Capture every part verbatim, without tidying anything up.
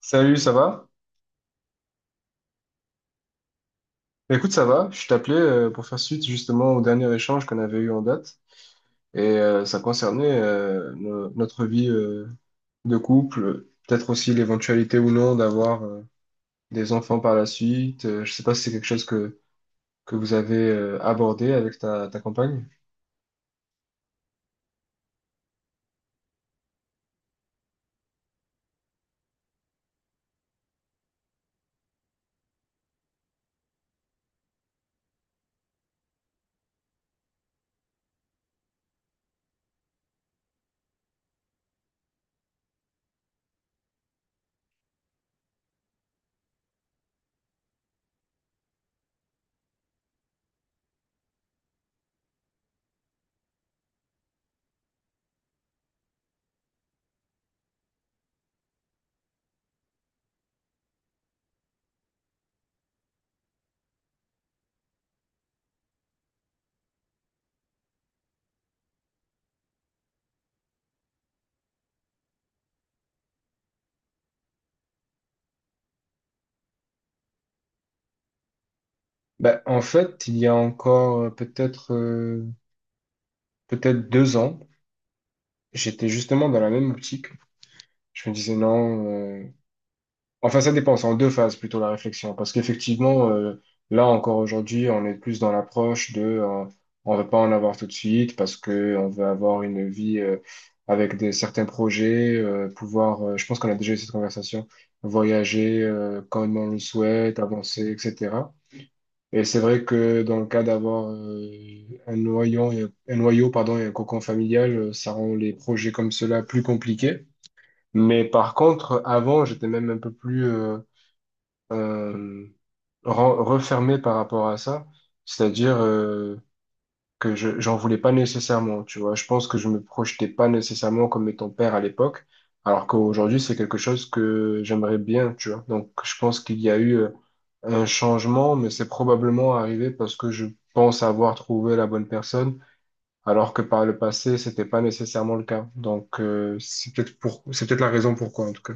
Salut, ça va? Bah, écoute, ça va. Je t'appelais euh, pour faire suite justement au dernier échange qu'on avait eu en date. Et euh, ça concernait euh, no- notre vie euh, de couple, peut-être aussi l'éventualité ou non d'avoir euh, des enfants par la suite. Euh, je sais pas si c'est quelque chose que, que vous avez euh, abordé avec ta, ta compagne. Bah, en fait, il y a encore euh, peut-être euh, peut-être deux ans, j'étais justement dans la même optique. Je me disais non. euh, Enfin, ça dépend, c'est en deux phases plutôt la réflexion, parce qu'effectivement, euh, là encore aujourd'hui, on est plus dans l'approche de, euh, on veut pas en avoir tout de suite parce que on veut avoir une vie euh, avec des certains projets, euh, pouvoir, euh, je pense qu'on a déjà eu cette conversation, voyager euh, quand on le souhaite, avancer, et cetera. Et c'est vrai que dans le cas d'avoir euh, un noyau, et- un noyau, pardon, et un cocon familial, euh, ça rend les projets comme cela plus compliqués. Mais par contre, avant, j'étais même un peu plus euh, euh, ren- refermé par rapport à ça, c'est-à-dire euh, que je j'en voulais pas nécessairement, tu vois. Je pense que je me projetais pas nécessairement comme étant père à l'époque, alors qu'aujourd'hui c'est quelque chose que j'aimerais bien, tu vois. Donc je pense qu'il y a eu euh, un changement, mais c'est probablement arrivé parce que je pense avoir trouvé la bonne personne, alors que par le passé c'était pas nécessairement le cas. Donc euh, c'est peut-être pour c'est peut-être la raison pourquoi en tout cas.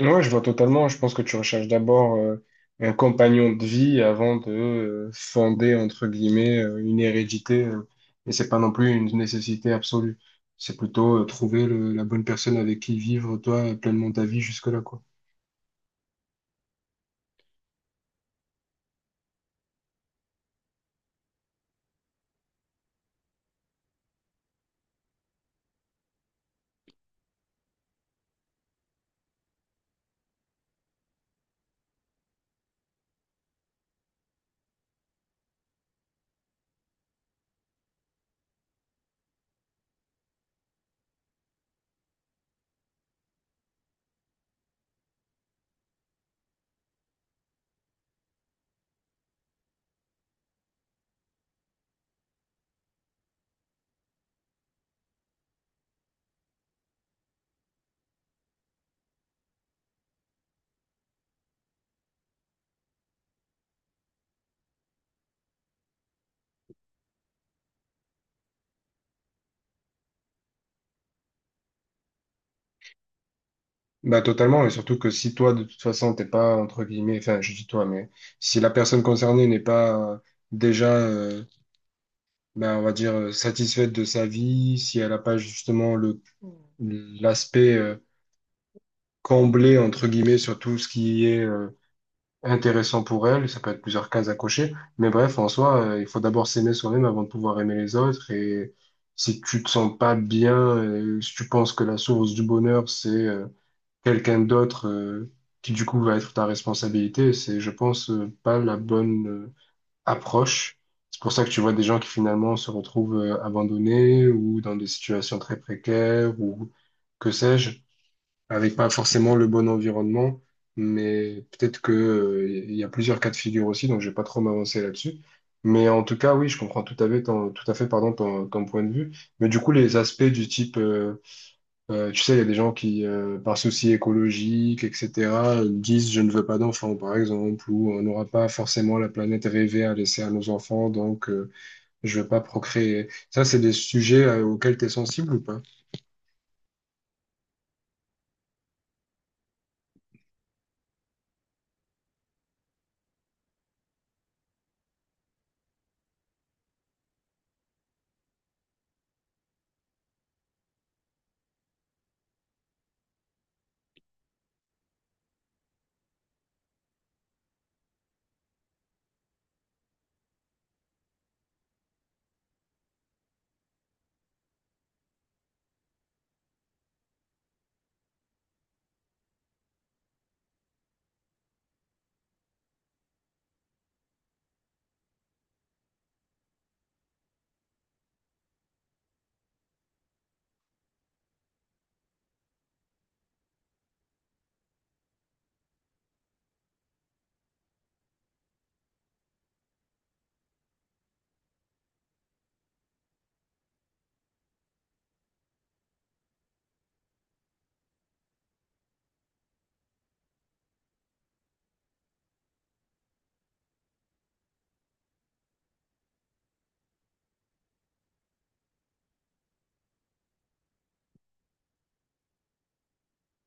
Ouais, ouais, je vois totalement. Je pense que tu recherches d'abord euh, un compagnon de vie avant de euh, fonder, entre guillemets, euh, une hérédité. Euh, et c'est pas non plus une nécessité absolue. C'est plutôt euh, trouver le- la bonne personne avec qui vivre, toi, pleinement ta vie jusque-là, quoi. Bah, totalement. Et surtout que si toi, de toute façon, t'es pas, entre guillemets, enfin, je dis toi, mais si la personne concernée n'est pas euh, déjà, euh, bah, on va dire, euh, satisfaite de sa vie, si elle n'a pas justement le, l'aspect euh, combler, entre guillemets, sur tout ce qui est euh, intéressant pour elle. Ça peut être plusieurs cases à cocher. Mais bref, en soi, euh, il faut d'abord s'aimer soi-même avant de pouvoir aimer les autres. Et si tu te sens pas bien, euh, si tu penses que la source du bonheur, c'est euh, quelqu'un d'autre euh, qui, du coup, va être ta responsabilité, c'est, je pense, euh, pas la bonne euh, approche. C'est pour ça que tu vois des gens qui finalement se retrouvent euh, abandonnés ou dans des situations très précaires ou que sais-je avec pas forcément le bon environnement, mais peut-être que, euh, il y a plusieurs cas de figure aussi, donc je vais pas trop m'avancer là-dessus. Mais en tout cas, oui, je comprends tout à fait ton, tout à fait, pardon, ton, ton point de vue. Mais du coup, les aspects du type, euh, euh, tu sais, il y a des gens qui, euh, par souci écologique, et cetera, disent je ne veux pas d'enfants, par exemple, ou on n'aura pas forcément la planète rêvée à laisser à nos enfants, donc euh, je veux pas procréer. Ça, c'est des sujets euh, auxquels tu es sensible ou pas?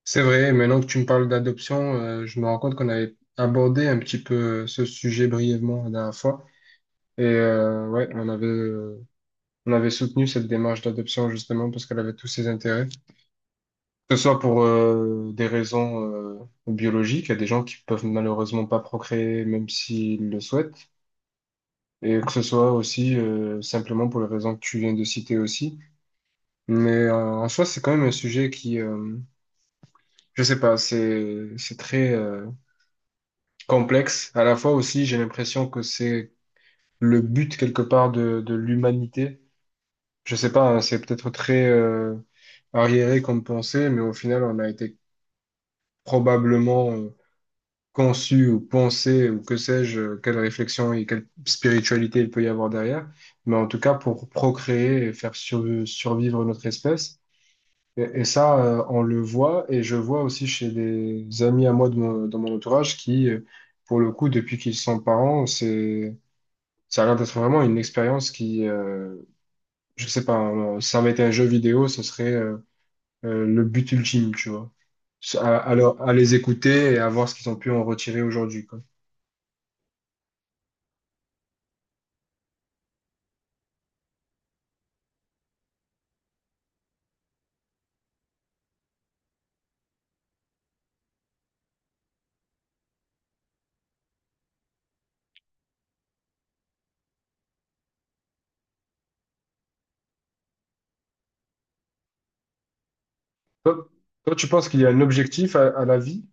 C'est vrai, maintenant que tu me parles d'adoption, euh, je me rends compte qu'on avait abordé un petit peu euh, ce sujet brièvement la dernière fois. Et euh, ouais, on avait, euh, on avait soutenu cette démarche d'adoption justement parce qu'elle avait tous ses intérêts. Que ce soit pour euh, des raisons euh, biologiques, il y a des gens qui peuvent malheureusement pas procréer même s'ils le souhaitent. Et que ce soit aussi euh, simplement pour les raisons que tu viens de citer aussi. Mais euh, en soi, c'est quand même un sujet qui, euh, je sais pas, c'est, c'est très... euh, complexe. À la fois aussi, j'ai l'impression que c'est le but quelque part de, de l'humanité. Je sais pas, hein, c'est peut-être très euh, arriéré comme pensée, mais au final, on a été probablement euh, conçu ou pensé ou que sais-je, euh, quelle réflexion et quelle spiritualité il peut y avoir derrière. Mais en tout cas, pour procréer et faire surv- survivre notre espèce. Et, et ça, euh, on le voit, et je vois aussi chez des amis à moi de mon- dans mon entourage qui euh, pour le coup, depuis qu'ils sont parents, c'est ça a l'air d'être vraiment une expérience qui, euh, je sais pas, euh, si ça avait été un jeu vidéo, ce serait euh, euh, le but ultime, tu vois. À, à leur- à les écouter et à voir ce qu'ils ont pu en retirer aujourd'hui, quoi. Toi, Toi, tu penses qu'il y a un objectif à, à la vie?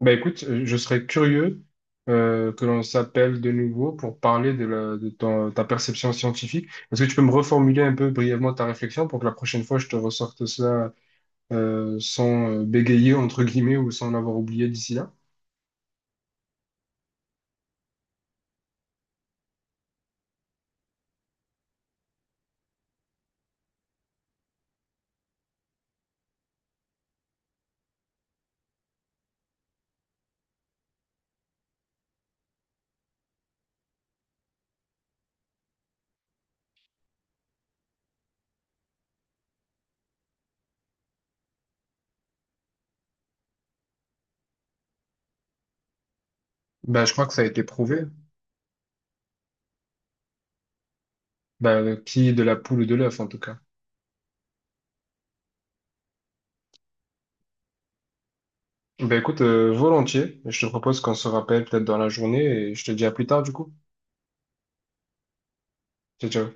Bah écoute, euh, je serais curieux euh, que l'on s'appelle de nouveau pour parler de, la, de ton- ta perception scientifique. Est-ce que tu peux me reformuler un peu brièvement ta réflexion pour que la prochaine fois je te ressorte cela euh, sans euh, bégayer, entre guillemets, ou sans l'avoir oublié d'ici là? Bah, je crois que ça a été prouvé. Bah, qui de la poule ou de l'œuf, en tout cas. Bah, écoute, euh, volontiers. Je te propose qu'on se rappelle peut-être dans la journée et je te dis à plus tard, du coup. Ciao, ciao.